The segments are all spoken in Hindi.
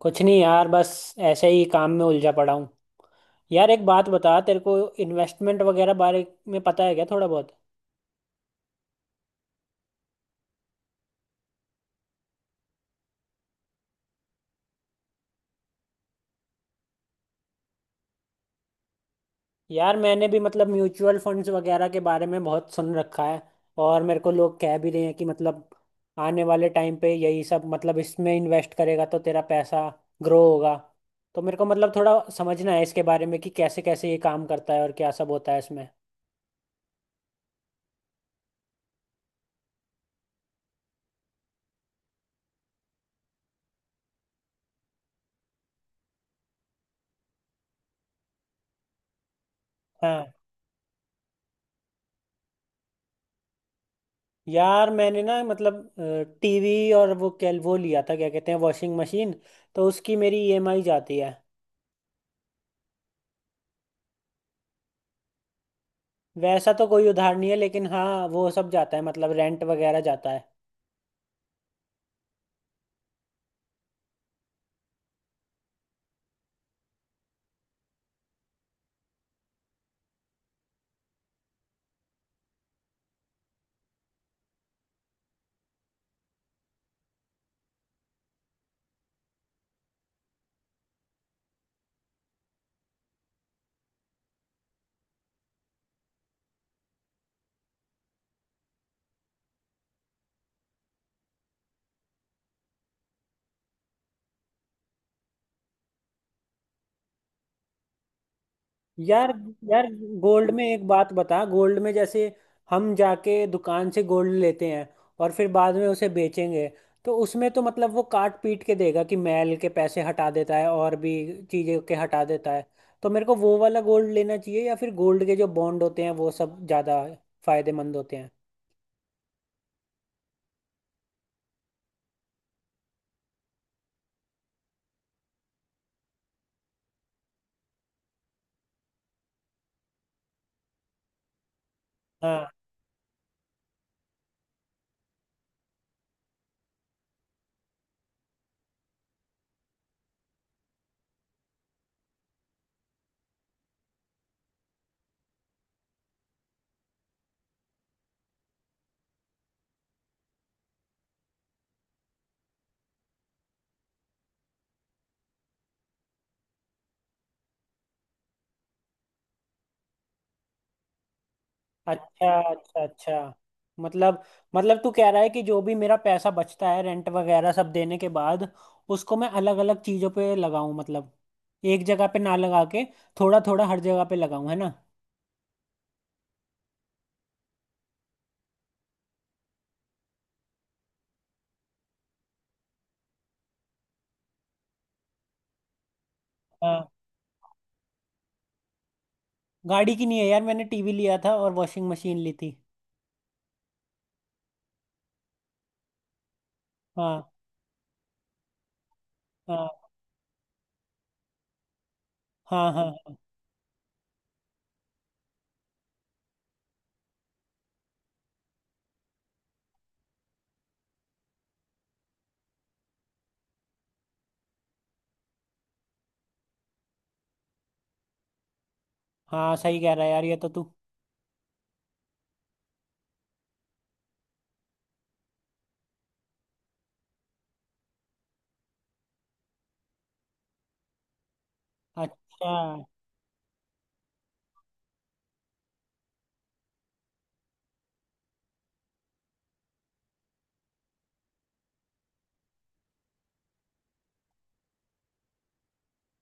कुछ नहीं यार बस ऐसे ही काम में उलझा पड़ा हूँ। यार एक बात बता तेरे को, इन्वेस्टमेंट वगैरह बारे में पता है क्या थोड़ा बहुत? यार मैंने भी मतलब म्यूचुअल फंड्स वगैरह के बारे में बहुत सुन रखा है। और मेरे को लोग कह भी रहे हैं कि मतलब आने वाले टाइम पे यही सब मतलब इसमें इन्वेस्ट करेगा तो तेरा पैसा ग्रो होगा। तो मेरे को मतलब थोड़ा समझना है इसके बारे में कि कैसे कैसे ये काम करता है और क्या सब होता है इसमें। यार मैंने ना मतलब टीवी, और वो क्या, वो लिया था, क्या कहते हैं, वॉशिंग मशीन। तो उसकी मेरी ईएमआई जाती है। वैसा तो कोई उधार नहीं है, लेकिन हाँ वो सब जाता है, मतलब रेंट वगैरह जाता है। यार, यार, गोल्ड में एक बात बता। गोल्ड में जैसे हम जाके दुकान से गोल्ड लेते हैं और फिर बाद में उसे बेचेंगे, तो उसमें तो मतलब वो काट पीट के देगा कि मैल के पैसे हटा देता है और भी चीज़ें के हटा देता है। तो मेरे को वो वाला गोल्ड लेना चाहिए या फिर गोल्ड के जो बॉन्ड होते हैं वो सब ज़्यादा फायदेमंद होते हैं? हाँ। अच्छा अच्छा अच्छा। मतलब मतलब तू कह रहा है कि जो भी मेरा पैसा बचता है रेंट वगैरह सब देने के बाद, उसको मैं अलग अलग चीजों पे लगाऊं। मतलब एक जगह पे ना लगा के थोड़ा थोड़ा हर जगह पे लगाऊं, है ना? हाँ। गाड़ी की नहीं है यार, मैंने टीवी लिया था और वॉशिंग मशीन ली थी। हाँ। हाँ हाँ हाँ। हाँ हाँ सही कह रहा है यार, ये तो तू। अच्छा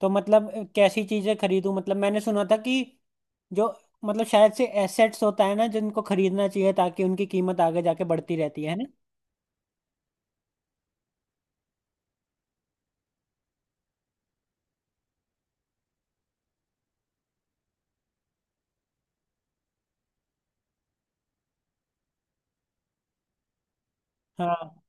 तो मतलब कैसी चीजें खरीदूं? मतलब मैंने सुना था कि जो, मतलब शायद से एसेट्स होता है ना, जिनको खरीदना चाहिए ताकि उनकी कीमत आगे जाके बढ़ती रहती है ना? हाँ।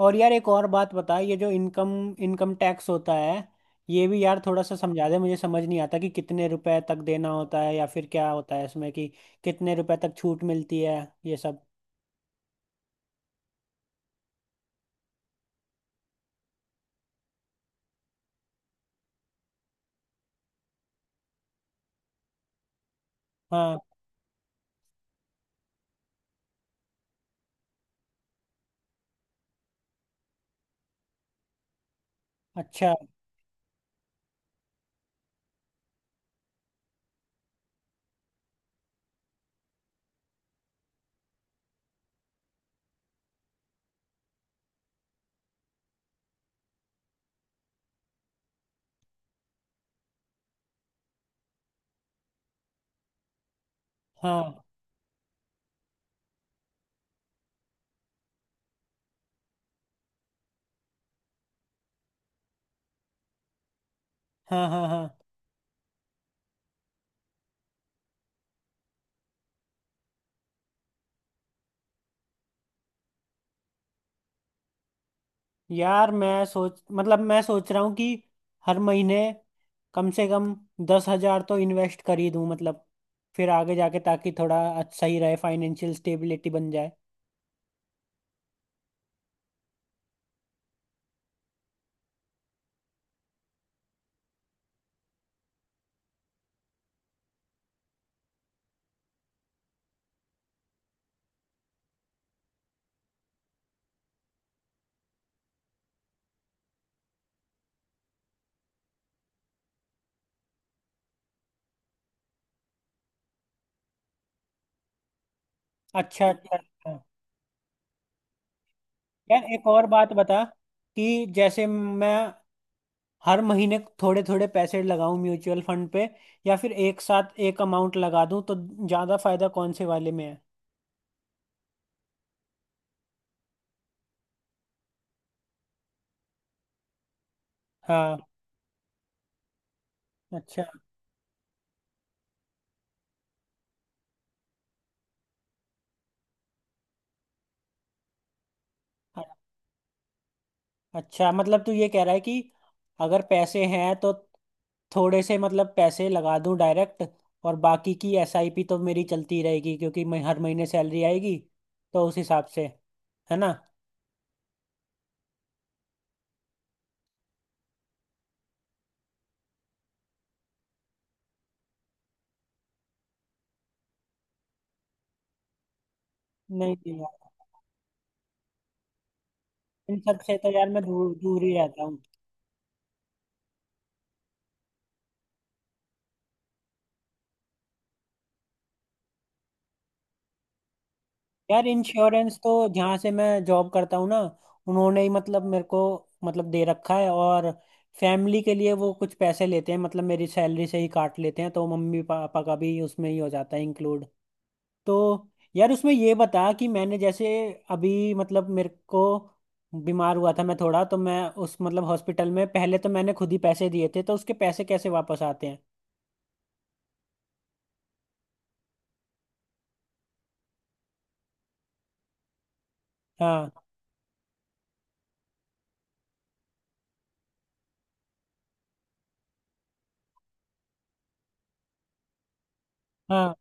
और यार एक और बात बता, ये जो इनकम इनकम टैक्स होता है, ये भी यार थोड़ा सा समझा दे, मुझे समझ नहीं आता कि कितने रुपए तक देना होता है या फिर क्या होता है इसमें, कि कितने रुपए तक छूट मिलती है, ये सब। हाँ। अच्छा। हाँ हाँ हाँ। हाँ। यार मैं सोच रहा हूँ कि हर महीने कम से कम 10,000 तो इन्वेस्ट कर ही दूँ, मतलब फिर आगे जाके ताकि थोड़ा अच्छा ही रहे, फाइनेंशियल स्टेबिलिटी बन जाए। अच्छा अच्छा अच्छा। यार एक और बात बता, कि जैसे मैं हर महीने थोड़े थोड़े पैसे लगाऊं म्यूचुअल फंड पे, या फिर एक साथ एक अमाउंट लगा दूं, तो ज़्यादा फायदा कौन से वाले में है? हाँ। अच्छा अच्छा। मतलब तू ये कह रहा है कि अगर पैसे हैं तो थोड़े से मतलब पैसे लगा दूं डायरेक्ट, और बाकी की एसआईपी तो मेरी चलती रहेगी क्योंकि मैं हर महीने सैलरी आएगी, तो उस हिसाब से, है ना? नहीं नहीं यार, इन सब से तो यार मैं दूर दूर ही रहता हूँ। यार इंश्योरेंस तो जहाँ से मैं जॉब करता हूँ ना, उन्होंने ही मतलब मेरे को मतलब दे रखा है। और फैमिली के लिए वो कुछ पैसे लेते हैं, मतलब मेरी सैलरी से ही काट लेते हैं, तो मम्मी पापा का भी उसमें ही हो जाता है इंक्लूड। तो यार उसमें ये बता कि मैंने जैसे अभी मतलब मेरे को बीमार हुआ था मैं थोड़ा, तो मैं उस मतलब हॉस्पिटल में पहले तो मैंने खुद ही पैसे दिए थे, तो उसके पैसे कैसे वापस आते हैं? हाँ। हाँ।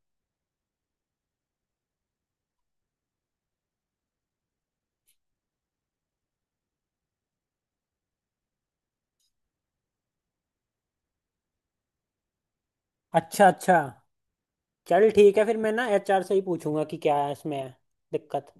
अच्छा अच्छा। चल ठीक है, फिर मैं ना एचआर से ही पूछूंगा कि क्या है इसमें, है दिक्कत।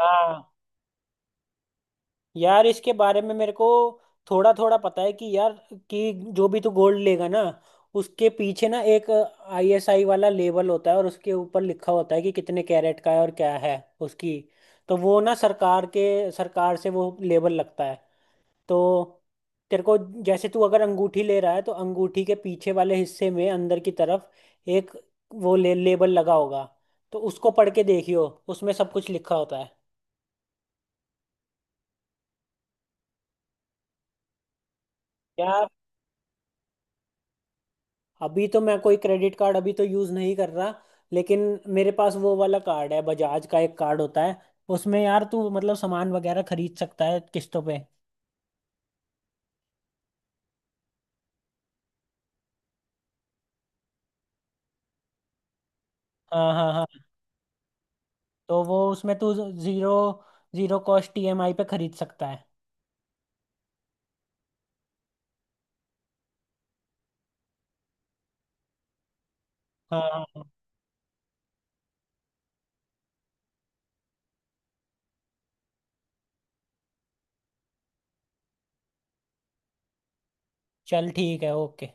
हाँ यार इसके बारे में मेरे को थोड़ा थोड़ा पता है, कि यार, कि जो भी तू गोल्ड लेगा ना, उसके पीछे ना एक आईएसआई वाला लेबल होता है और उसके ऊपर लिखा होता है कि कितने कैरेट का है और क्या है उसकी। तो वो ना सरकार से वो लेबल लगता है। तो तेरे को जैसे तू अगर अंगूठी ले रहा है, तो अंगूठी के पीछे वाले हिस्से में अंदर की तरफ एक वो लेबल लगा होगा। तो उसको पढ़ के देखियो, उसमें सब कुछ लिखा होता है। यार अभी तो मैं कोई क्रेडिट कार्ड अभी तो यूज़ नहीं कर रहा, लेकिन मेरे पास वो वाला कार्ड है, बजाज का एक कार्ड होता है, उसमें यार तू मतलब सामान वगैरह खरीद सकता है किस्तों पे। हाँ हाँ हाँ। तो वो उसमें तू जीरो जीरो कॉस्ट ईएमआई पे खरीद सकता है। हाँ हाँ हाँ। चल ठीक है, ओके।